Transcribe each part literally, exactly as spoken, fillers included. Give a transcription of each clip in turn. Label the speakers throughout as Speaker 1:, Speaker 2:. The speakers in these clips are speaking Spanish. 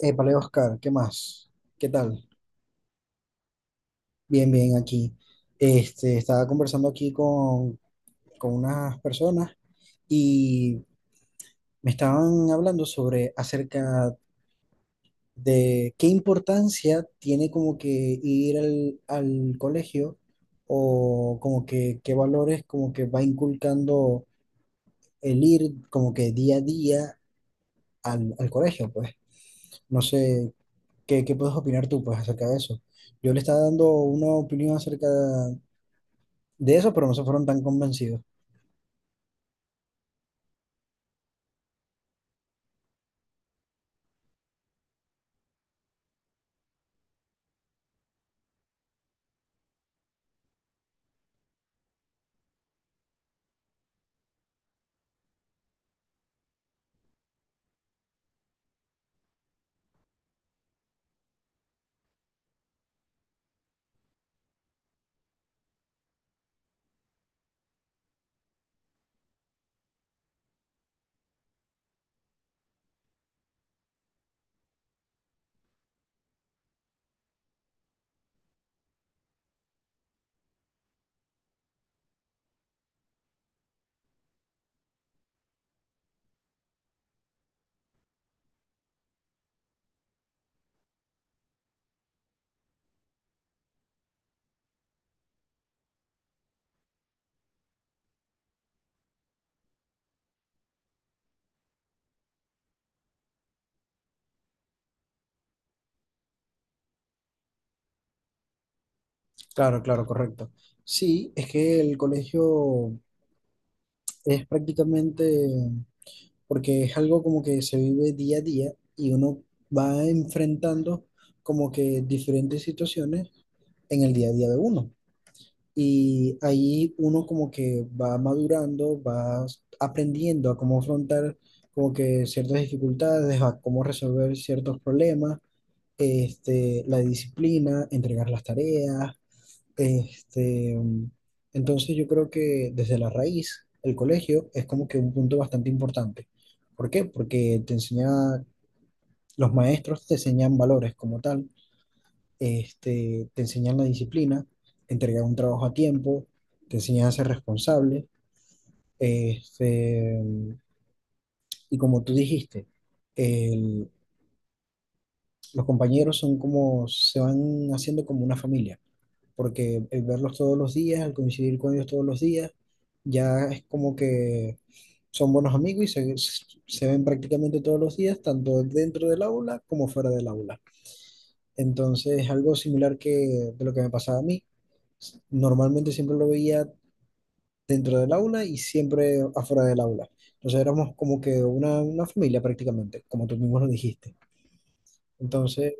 Speaker 1: Épale, Oscar, ¿qué más? ¿Qué tal? Bien, bien, aquí. Este, estaba conversando aquí con, con unas personas y me estaban hablando sobre acerca de qué importancia tiene como que ir al, al colegio o como que qué valores como que va inculcando el ir como que día a día al, al colegio, pues. No sé, ¿qué, qué puedes opinar tú, pues, ¿acerca de eso? Yo le estaba dando una opinión acerca de eso, pero no se fueron tan convencidos. Claro, claro, correcto. Sí, es que el colegio es prácticamente, porque es algo como que se vive día a día y uno va enfrentando como que diferentes situaciones en el día a día de uno. Y ahí uno como que va madurando, va aprendiendo a cómo afrontar como que ciertas dificultades, a cómo resolver ciertos problemas, este, la disciplina, entregar las tareas. Este, mm, entonces yo creo que desde la raíz, el colegio es como que un punto bastante importante. ¿Por qué? Porque te enseña, los maestros te enseñan valores como tal, este, te enseñan la disciplina, entregar un trabajo a tiempo, te enseñan a ser responsable, este, mm, y como tú dijiste, el- los compañeros son como, se van haciendo como una familia, porque el verlos todos los días, al coincidir con ellos todos los días, ya es como que son buenos amigos y se, se ven prácticamente todos los días, tanto dentro del aula como fuera del aula. Entonces, algo similar que de lo que me pasaba a mí, normalmente siempre lo veía dentro del aula y siempre afuera del aula. Entonces éramos como que una, una familia prácticamente, como tú mismo lo dijiste. Entonces,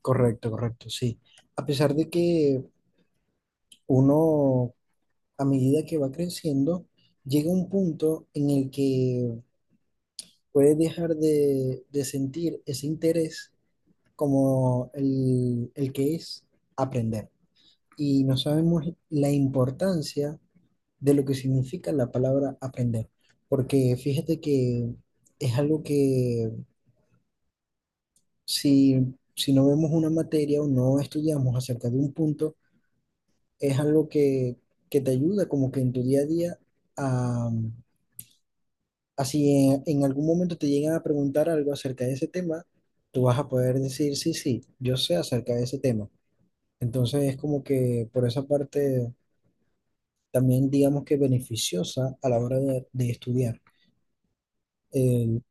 Speaker 1: correcto, correcto, sí. A pesar de que uno a medida que va creciendo, llega un punto en el que puedes dejar de, de sentir ese interés como el, el que es aprender. Y no sabemos la importancia de lo que significa la palabra aprender, porque fíjate que es algo que si, si no vemos una materia o no estudiamos acerca de un punto, es algo que, que te ayuda como que en tu día a día a. Así en, en algún momento te llegan a preguntar algo acerca de ese tema, tú vas a poder decir, sí, sí, yo sé acerca de ese tema. Entonces es como que por esa parte también digamos que beneficiosa a la hora de, de estudiar. Eh,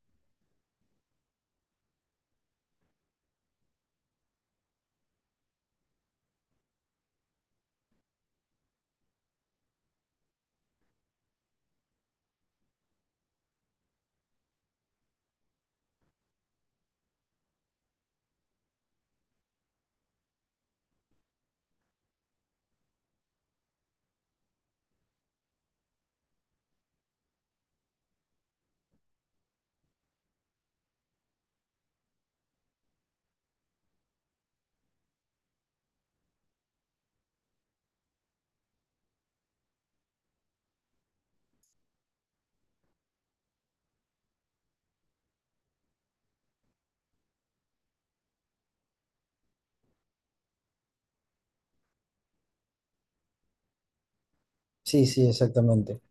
Speaker 1: sí, sí, exactamente.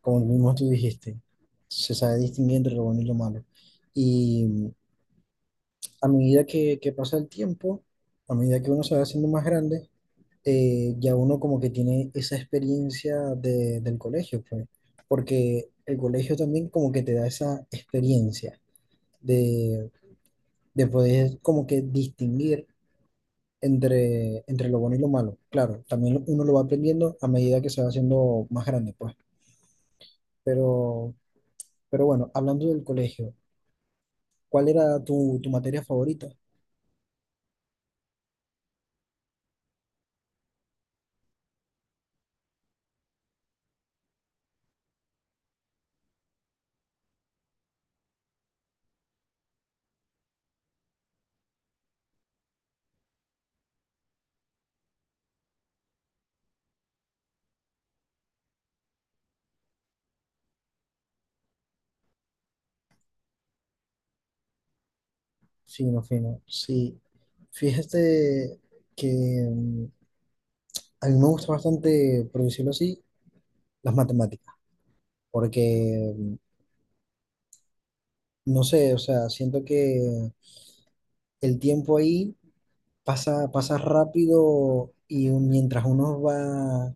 Speaker 1: Como mismo tú dijiste, se sabe distinguir entre lo bueno y lo malo. Y a medida que, que pasa el tiempo, a medida que uno se va haciendo más grande, eh, ya uno como que tiene esa experiencia de- del colegio, pues, porque el colegio también como que te da esa experiencia de, de poder como que distinguir entre, entre lo bueno y lo malo. Claro, también uno lo va aprendiendo a medida que se va haciendo más grande, pues, pero, pero bueno, hablando del colegio, ¿cuál era tu, tu materia favorita? Sí, no, fino. Sí, fíjate que mm, a mí me gusta bastante, por decirlo así, las matemáticas. Porque, mm, no sé, o sea, siento que el tiempo ahí pasa, pasa rápido y un- mientras uno va,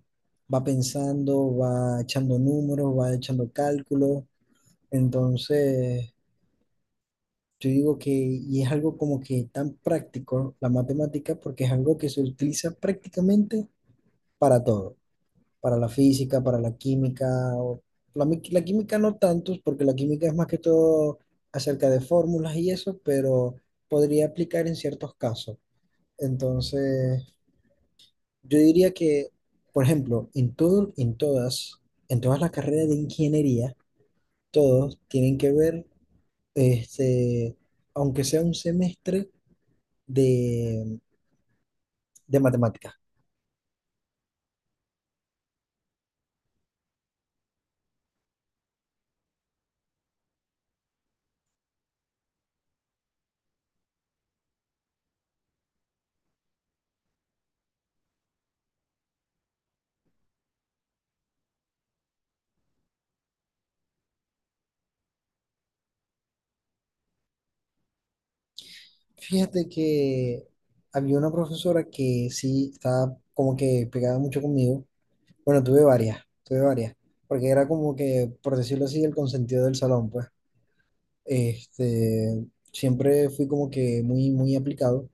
Speaker 1: va pensando, va echando números, va echando cálculos, entonces yo digo que, y es algo como que tan práctico la matemática, porque es algo que se utiliza prácticamente para todo, para la física, para la química. o- la, mi- la química no tantos, porque la química es más que todo acerca de fórmulas y eso, pero podría aplicar en ciertos casos. Entonces, yo diría que, por ejemplo, en todo, en todas, en todas las carreras de ingeniería, todos tienen que ver, este, aunque sea un semestre de, de matemáticas. Fíjate que había una profesora que sí estaba como que pegada mucho conmigo. Bueno, tuve varias, tuve varias, porque era como que, por decirlo así, el consentido del salón, pues. Este, siempre fui como que muy, muy aplicado.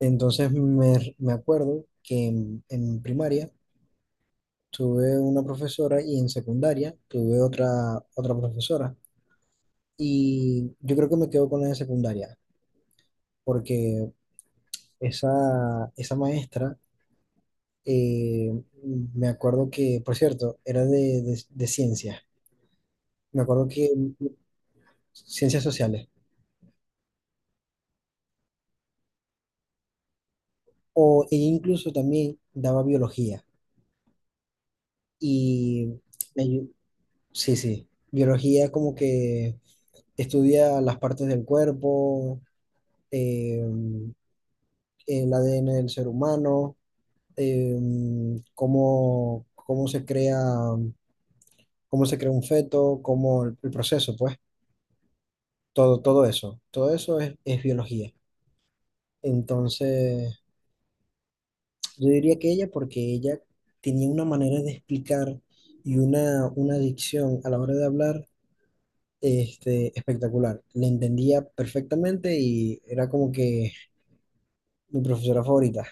Speaker 1: Entonces me, me acuerdo que en, en primaria tuve una profesora y en secundaria tuve otra, otra profesora. Y yo creo que me quedo con la de secundaria, porque esa, esa maestra, eh, me acuerdo que, por cierto, era de, de, de ciencias. Me acuerdo que ciencias sociales. O ella incluso también daba biología. Y me ayu- sí, sí, biología como que estudia las partes del cuerpo, eh, el A D N del ser humano, eh, cómo, cómo se crea, cómo se crea un feto, cómo el, el proceso, pues, todo, todo eso. Todo eso es, es biología. Entonces, yo diría que ella, porque ella tenía una manera de explicar y una, una dicción a la hora de hablar, este, espectacular. Le entendía perfectamente y era como que mi profesora favorita.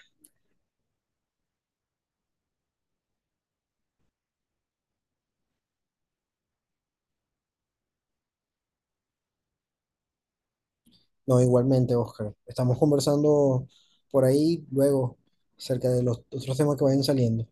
Speaker 1: No, igualmente, Oscar. Estamos conversando por ahí luego acerca de los otros temas que vayan saliendo.